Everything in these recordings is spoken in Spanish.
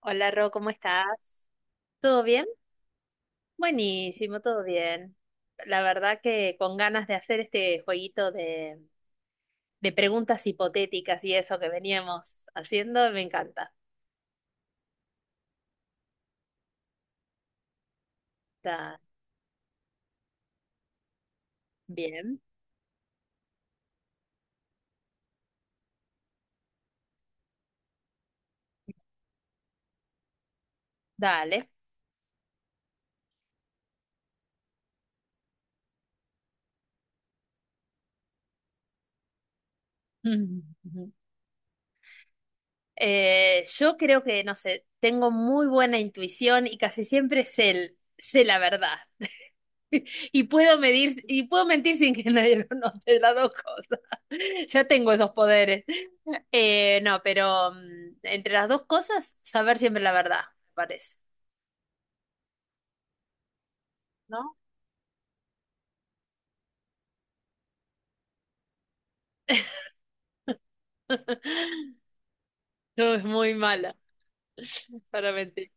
Hola Ro, ¿cómo estás? ¿Todo bien? Buenísimo, todo bien. La verdad que con ganas de hacer este jueguito de preguntas hipotéticas y eso que veníamos haciendo, me encanta. Está bien. Dale. Yo creo que, no sé, tengo muy buena intuición y casi siempre sé, sé la verdad. Y puedo medir, y puedo mentir sin que nadie lo note, las dos cosas. Ya tengo esos poderes. No, pero entre las dos cosas, saber siempre la verdad, me parece, ¿no? No, es muy mala para mentir.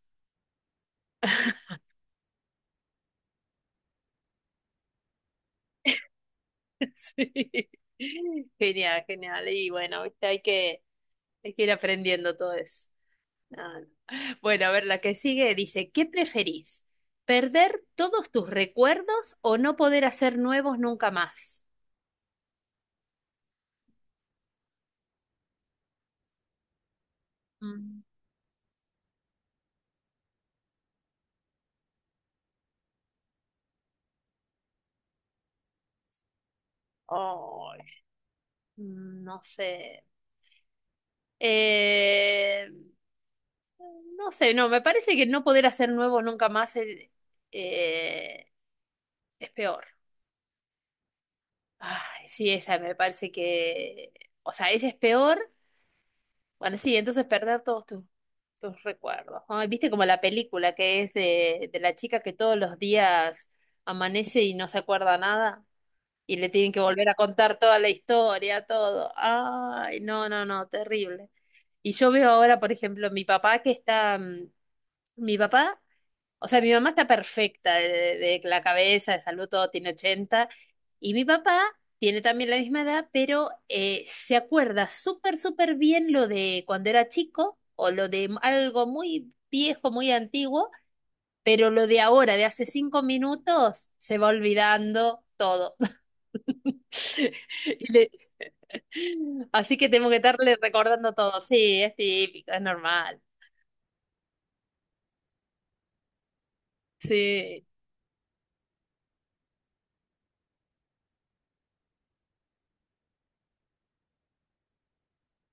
Sí. Genial, genial. Y bueno, viste, hay que ir aprendiendo todo eso. No, no. Bueno, a ver, la que sigue dice, ¿qué preferís? ¿Perder todos tus recuerdos o no poder hacer nuevos nunca más? Mm, ay, mm, no sé. Eh, no sé, no, me parece que no poder hacer nuevos nunca más eh, es peor. Ay, sí, esa me parece que, o sea, esa es peor. Bueno, sí, entonces perder tus recuerdos. Ay, viste como la película que es de la chica que todos los días amanece y no se acuerda nada y le tienen que volver a contar toda la historia, todo. Ay, no, no, no, terrible. Y yo veo ahora, por ejemplo, mi papá que está, mm, mi papá o sea, mi mamá está perfecta de la cabeza, de salud, todo. Tiene 80 y mi papá tiene también la misma edad, pero se acuerda súper, súper bien lo de cuando era chico o lo de algo muy viejo, muy antiguo, pero lo de ahora, de hace 5 minutos, se va olvidando todo. Y le- Así que tengo que estarle recordando todo. Sí, es típico, es normal. Sí.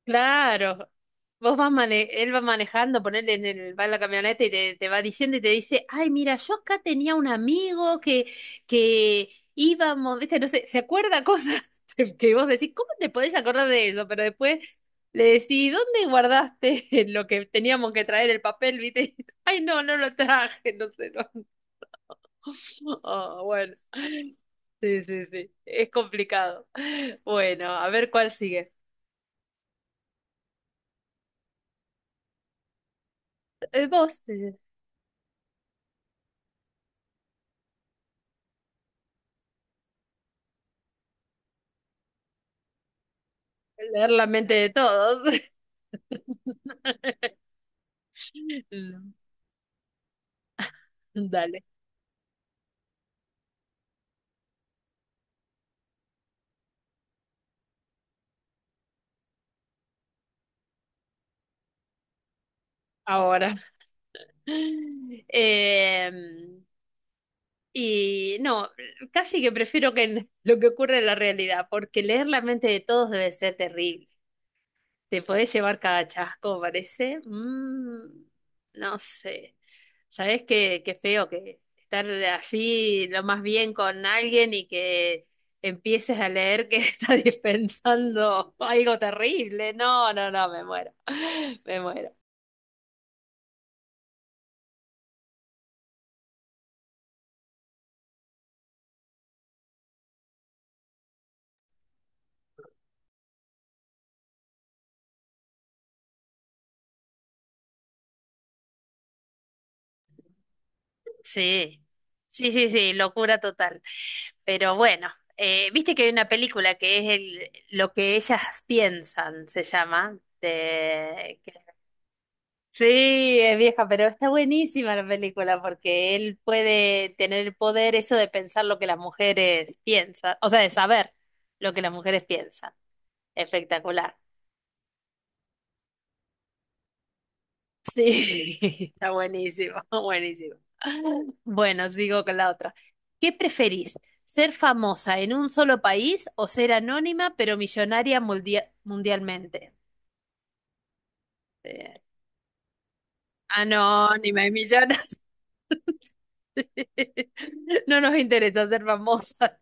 Claro, él va manejando, ponele en el, va en la camioneta y te va diciendo y te dice, ay, mira, yo acá tenía un amigo que íbamos, viste, no sé, se acuerda cosas que vos decís, ¿cómo te podés acordar de eso? Pero después le decís, ¿dónde guardaste lo que teníamos que traer el papel, viste? Ay, no, no lo traje, no sé, no. Oh, bueno, sí, sí, sí, es complicado. Bueno, a ver cuál sigue. Vos, dice, leer la mente de todos. Mm, dale, ahora. Em, y no, casi que prefiero lo que ocurre en la realidad, porque leer la mente de todos debe ser terrible. Te podés llevar cada chasco, parece. Mm, no sé. ¿Sabés qué, qué feo que estar así lo más bien con alguien y que empieces a leer que está dispensando algo terrible? No, no, no, me muero. Me muero. Sí, sí, sí, sí, locura total. Pero bueno, viste que hay una película que es el, Lo que ellas piensan, se llama. De, sí, es vieja, pero está buenísima la película porque él puede tener el poder eso de pensar lo que las mujeres piensan, o sea, de saber lo que las mujeres piensan. Espectacular. Sí, está buenísimo, buenísimo. Bueno, sigo con la otra. ¿Qué preferís? ¿Ser famosa en un solo país o ser anónima pero millonaria mundialmente? Eh, Anónima y millonaria. No nos interesa ser famosa,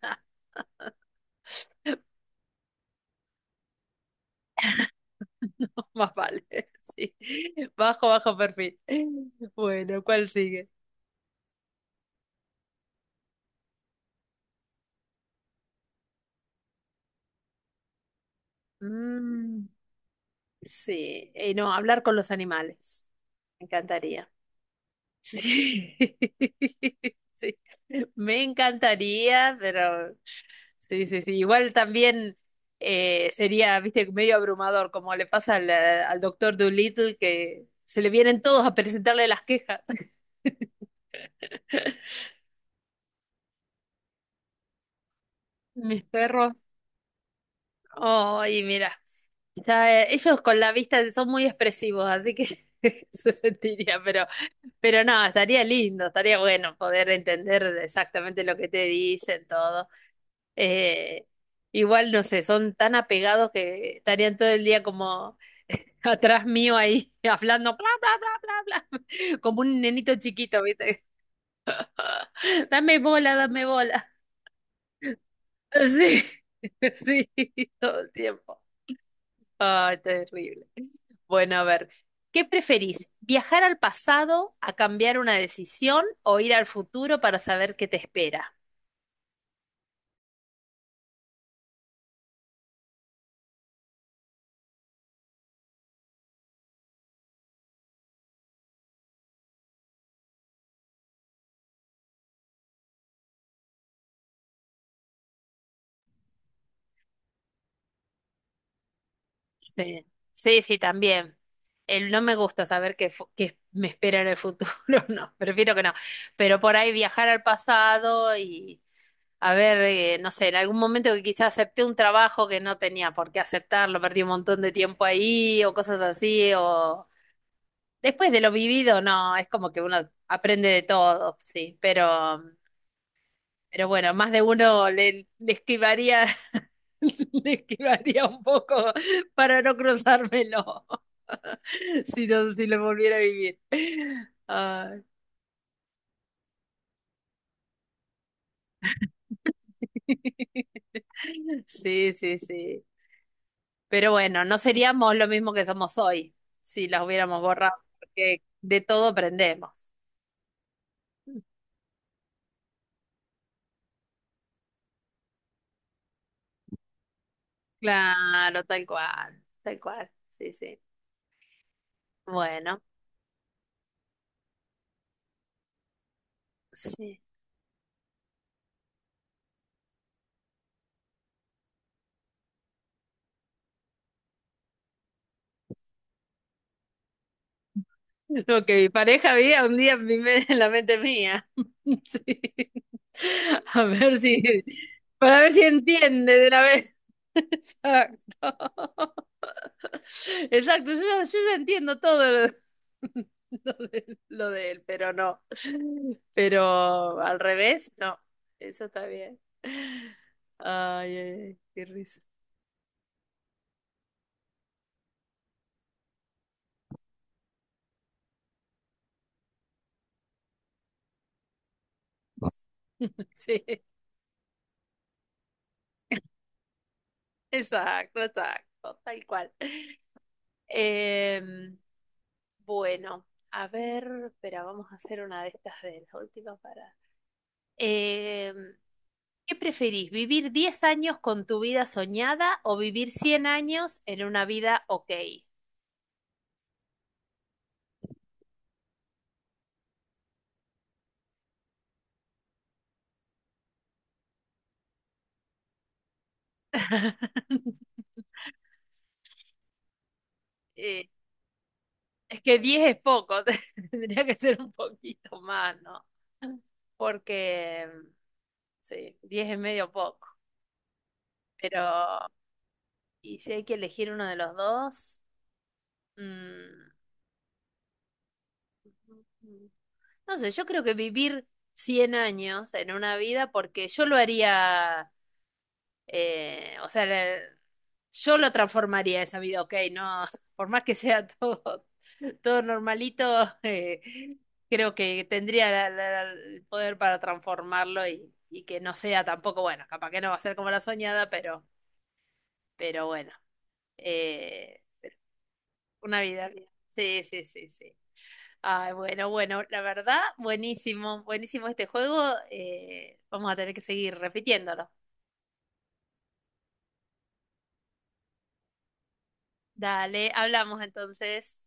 más vale. Sí. Bajo, bajo perfil. Bueno, ¿cuál sigue? Mm, sí, no, hablar con los animales. Me encantaría. Sí, sí. Me encantaría, pero sí, sí, sí. Igual también sería, viste, medio abrumador, como le pasa al doctor Dolittle, que se le vienen todos a presentarle las quejas. Mis perros. Ay, mira, ya, ellos con la vista son muy expresivos, así que se sentiría, pero no, estaría lindo, estaría bueno poder entender exactamente lo que te dicen, todo. Eh, Igual, no sé, son tan apegados que estarían todo el día como atrás mío ahí, hablando, bla, bla, bla, bla, bla, como un nenito chiquito, ¿viste? Dame bola, dame bola. Sí, sí, todo el tiempo. Ay, terrible. Bueno, a ver, ¿qué preferís? ¿Viajar al pasado a cambiar una decisión o ir al futuro para saber qué te espera? Sí, sí, sí, también. El, no me gusta saber qué me espera en el futuro, no, prefiero que no. Pero por ahí viajar al pasado y a ver, no sé, en algún momento que quizás acepté un trabajo que no tenía por qué aceptarlo, perdí un montón de tiempo ahí o cosas así, o después de lo vivido, no, es como que uno aprende de todo, sí, pero bueno, más de uno le esquivaría. Le esquivaría un poco para no cruzármelo, si no, si lo volviera a vivir. Ay. Sí, sí, sí. Pero bueno, no seríamos lo mismo que somos hoy si las hubiéramos borrado, porque de todo aprendemos. Claro, tal cual, tal cual. Sí, sí. Bueno, sí. Lo que mi pareja veía un día en la mente mía. Sí. A ver si, para ver si entiende de una vez. Exacto. Exacto, yo ya entiendo todo lo, lo de él, pero no. Pero al revés, no. Eso está bien. Ay, ay, ay, qué risa. Sí, exacto, exacto, tal cual. Em, Bueno, a ver, espera, vamos a hacer una de estas de las últimas para. Eh, ¿Qué preferís, vivir 10 años con tu vida soñada o vivir 100 años en una vida ok? Eh, es que 10 es poco, tendría que ser un poquito más, ¿no? Porque, sí, 10 es medio poco, pero, ¿y si hay que elegir uno de los dos? Mm, no sé, yo creo que vivir 100 años en una vida, porque yo lo haría, o sea, yo lo transformaría esa vida, ok, no, por más que sea todo, todo normalito, eh, creo que tendría el poder para transformarlo y que no sea tampoco, bueno, capaz que no va a ser como la soñada, pero bueno, eh, una vida. Bien. Sí, sí, sí, sí. Ay, bueno, bueno, la verdad, buenísimo, buenísimo este juego. Eh, vamos a tener que seguir repitiéndolo. Dale, hablamos entonces.